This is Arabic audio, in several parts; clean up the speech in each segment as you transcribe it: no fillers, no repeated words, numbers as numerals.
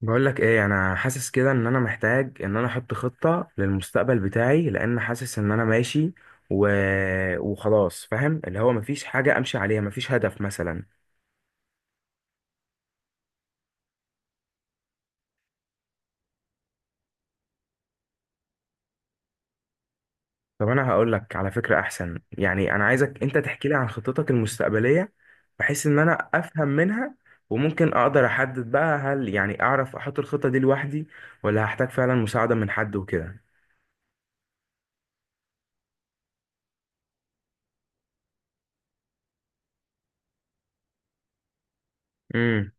بقول لك ايه، انا حاسس كده ان انا محتاج ان انا احط خطة للمستقبل بتاعي، لان حاسس ان انا ماشي و... وخلاص فاهم اللي هو مفيش حاجة امشي عليها، مفيش هدف مثلا. طب انا هقول لك على فكرة احسن، انا عايزك انت تحكي لي عن خطتك المستقبلية بحيث ان انا افهم منها، وممكن اقدر احدد بقى، هل اعرف احط الخطة دي لوحدي ولا هحتاج فعلا مساعدة من حد وكده. امم.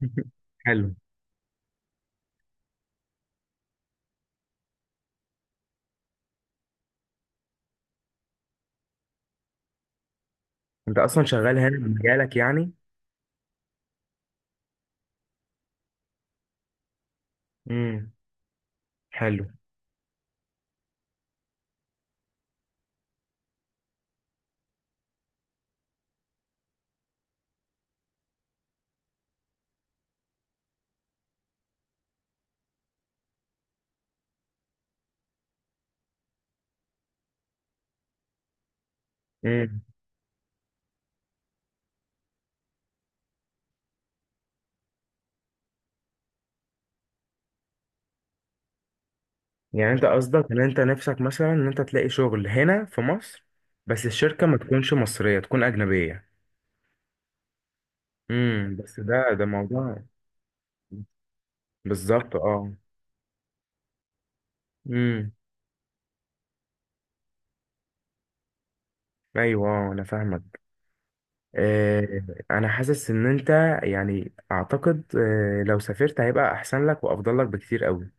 حلو. انت اصلا شغال هنا في مجالك يعني. امم. حلو. مم. يعني انت قصدك ان انت نفسك مثلا ان انت تلاقي شغل هنا في مصر، بس الشركة ما تكونش مصرية، تكون أجنبية. امم. بس ده موضوع. بالظبط، اه. امم. ايوه، انا فاهمك. آه. انا حاسس ان انت، يعني اعتقد لو سافرت هيبقى احسن لك وافضل لك بكتير قوي.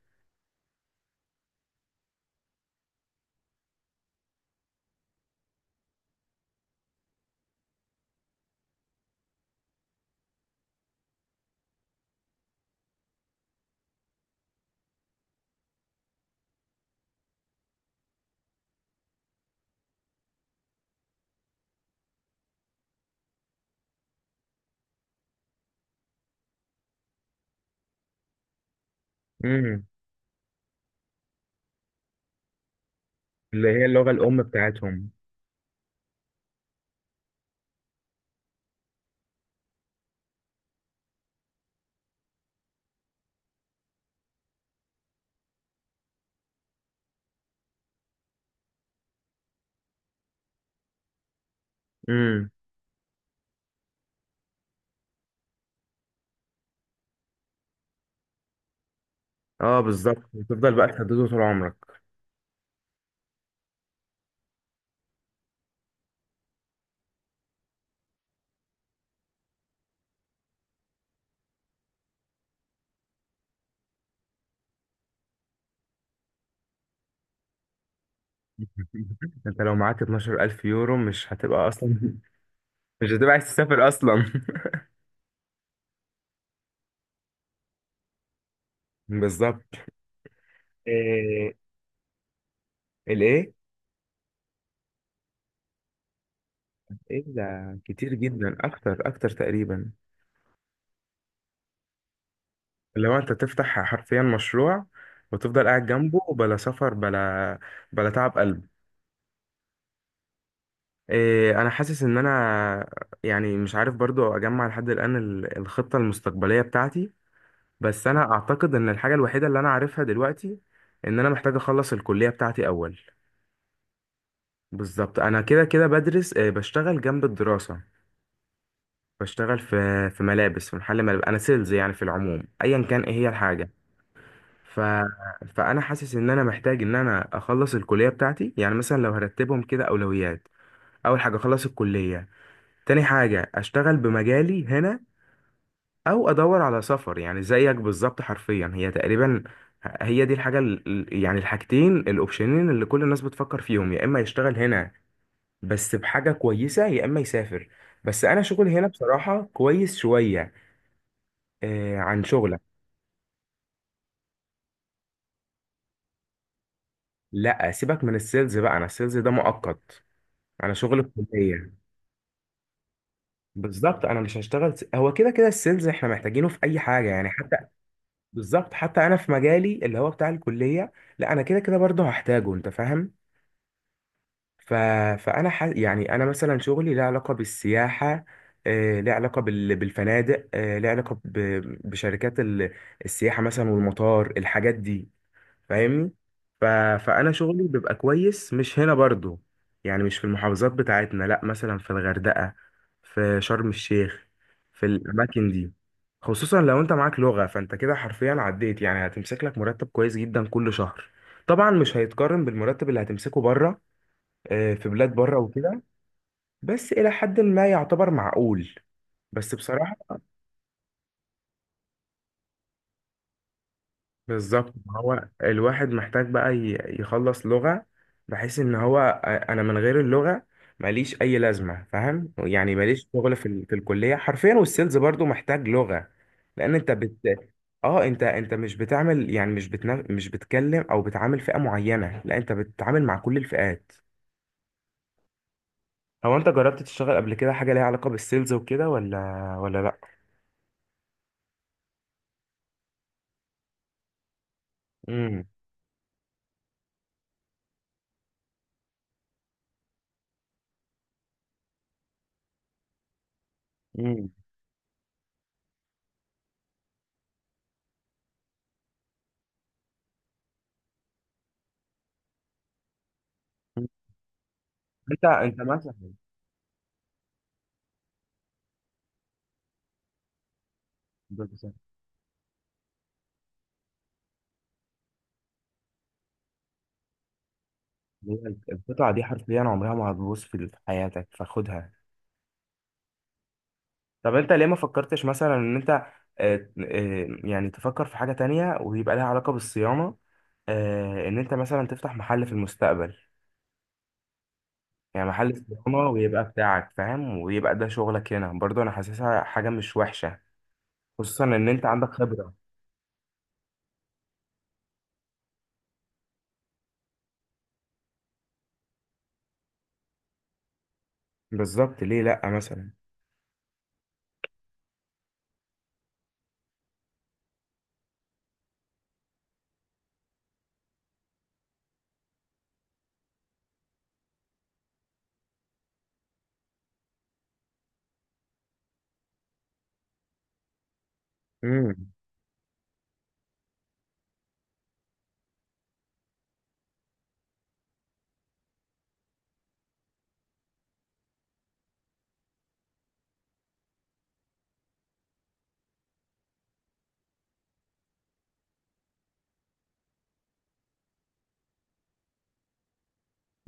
امم. اللي هي اللغة الام بتاعتهم. امم. اه، بالظبط. وتفضل بقى تهدده طول عمرك. انت لو معاك 12,000 يورو مش هتبقى اصلا، مش هتبقى عايز تسافر اصلا. بالظبط. إيه؟ الايه؟ ايه ده؟ كتير جدا، اكتر اكتر تقريبا. لو انت تفتح حرفيا مشروع وتفضل قاعد جنبه، بلا سفر بلا بلا تعب قلب. إيه. انا حاسس ان انا، مش عارف برضو اجمع لحد الان الخطة المستقبلية بتاعتي. بس انا اعتقد ان الحاجة الوحيدة اللي انا عارفها دلوقتي ان انا محتاج اخلص الكلية بتاعتي اول. بالظبط، انا كده كده بدرس بشتغل جنب الدراسة. بشتغل في ملابس، في محل ملابس، انا سيلز. يعني في العموم ايا كان ايه هي الحاجه. ف... فانا حاسس ان انا محتاج ان انا اخلص الكليه بتاعتي. يعني مثلا لو هرتبهم كده اولويات، اول حاجه اخلص الكليه، تاني حاجه اشتغل بمجالي هنا، او ادور على سفر، يعني زيك بالظبط حرفيا. هي تقريبا هي دي الحاجه يعني الحاجتين الاوبشنين اللي كل الناس بتفكر فيهم، يا اما يشتغل هنا بس بحاجه كويسه، يا اما يسافر. بس انا شغلي هنا بصراحه كويس شويه. عن شغلك. لا سيبك من السيلز بقى، انا السيلز ده مؤقت. انا شغل الكليه. بالظبط انا مش هشتغل هو كده كده السيلز احنا محتاجينه في اي حاجه، يعني حتى. بالظبط، حتى انا في مجالي اللي هو بتاع الكليه، لا انا كده كده برضه هحتاجه، انت فاهم. ف... يعني انا مثلا شغلي له علاقه بالسياحه، ليه علاقه بالفنادق، ليه علاقه بشركات السياحه مثلا، والمطار، الحاجات دي، فاهمني. ف... فانا شغلي بيبقى كويس مش هنا برضو، يعني مش في المحافظات بتاعتنا، لا مثلا في الغردقة، في شرم الشيخ، في الاماكن دي. خصوصا لو انت معاك لغة، فانت كده حرفيا عديت، يعني هتمسك لك مرتب كويس جدا كل شهر. طبعا مش هيتقارن بالمرتب اللي هتمسكه بره، في بلاد بره وكده، بس الى حد ما يعتبر معقول. بس بصراحة بالظبط، هو الواحد محتاج بقى يخلص لغة، بحيث ان هو انا من غير اللغة ماليش اي لازمة، فاهم يعني، ماليش شغل في الكلية حرفيا، والسيلز برضو محتاج لغة. لان انت بت اه، انت مش بتعمل، يعني مش مش بتكلم او بتعامل فئة معينة، لا انت بتتعامل مع كل الفئات. هو انت جربت تشتغل قبل كده حاجة ليها علاقة بالسيلز وكده ولا لا؟ امم. امم. انت مثلا، هي القطعة دي حرفيا عمرها ما هتبوظ في حياتك، فخدها. طب انت ليه ما فكرتش مثلا ان انت يعني تفكر في حاجة تانية ويبقى لها علاقة بالصيانة، ان انت مثلا تفتح محل في المستقبل، يعني محل صيانة ويبقى بتاعك فاهم، ويبقى ده شغلك هنا برضه. انا حاسسها حاجة مش وحشة، خصوصا ان انت عندك خبرة. بالظبط، ليه لأ مثلا. امم.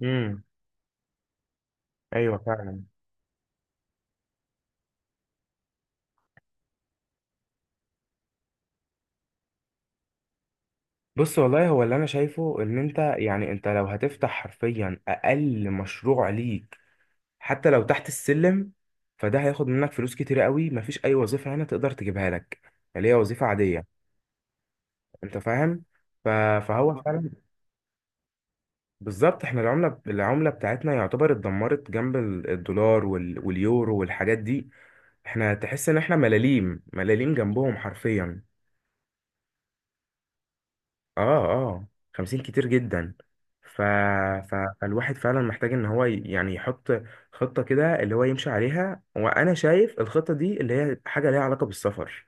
امم. ايوه فعلا. بص والله، هو اللي انا شايفه ان انت، يعني انت لو هتفتح حرفيا اقل مشروع ليك، حتى لو تحت السلم، فده هياخد منك فلوس كتير قوي. مفيش اي وظيفه هنا تقدر تجيبها لك اللي هي وظيفه عاديه، انت فاهم. ف- فهو فعلا. بالظبط، احنا العمله، العمله بتاعتنا يعتبر اتدمرت جنب الدولار واليورو والحاجات دي. احنا تحس ان احنا ملاليم ملاليم جنبهم حرفيا. اه اه، 50 كتير جدا. ف... ف... فالواحد فعلا محتاج ان هو يعني يحط خطة كده اللي هو يمشي عليها. وانا شايف الخطة دي اللي هي حاجة ليها علاقة بالسفر،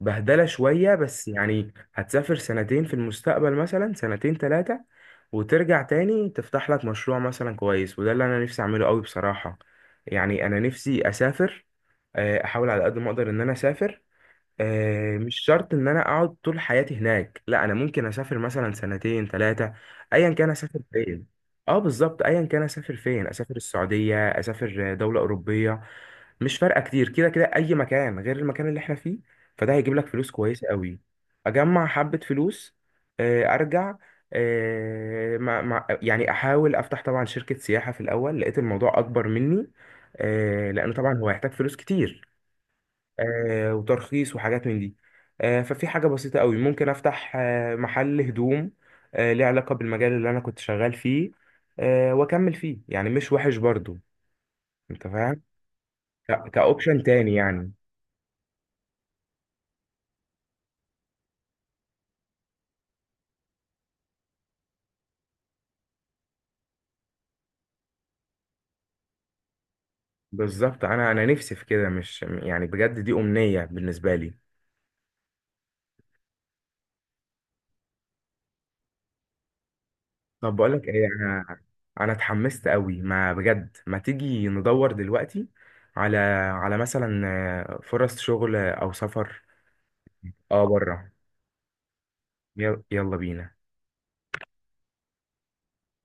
بهدلة شوية، بس يعني هتسافر سنتين في المستقبل مثلا، سنتين ثلاثة، وترجع تاني تفتح لك مشروع مثلا كويس، وده اللي أنا نفسي أعمله قوي بصراحة. يعني أنا نفسي أسافر، أحاول على قد ما أقدر إن أنا أسافر. مش شرط ان انا اقعد طول حياتي هناك، لا انا ممكن اسافر مثلا سنتين ثلاثه، ايا كان اسافر فين. اه بالظبط، ايا كان اسافر فين، اسافر السعوديه، اسافر دوله اوروبيه، مش فارقه. كتير كده كده اي مكان غير المكان اللي احنا فيه، فده هيجيب لك فلوس كويسه قوي. اجمع حبه فلوس، ارجع، مع يعني احاول افتح طبعا شركه سياحه. في الاول لقيت الموضوع اكبر مني، لان طبعا هو هيحتاج فلوس كتير، وترخيص وحاجات من دي. ففي حاجة بسيطة قوي ممكن أفتح محل هدوم، ليه علاقة بالمجال اللي أنا كنت شغال فيه، وأكمل فيه، يعني مش وحش برضو. أنت فاهم، كأوبشن تاني يعني. بالظبط، أنا نفسي في كده، مش يعني بجد دي أمنية بالنسبة لي. طب بقولك إيه، أنا اتحمست قوي ما بجد. ما تيجي ندور دلوقتي على مثلا فرص شغل أو سفر. أه، بره. يلا بينا.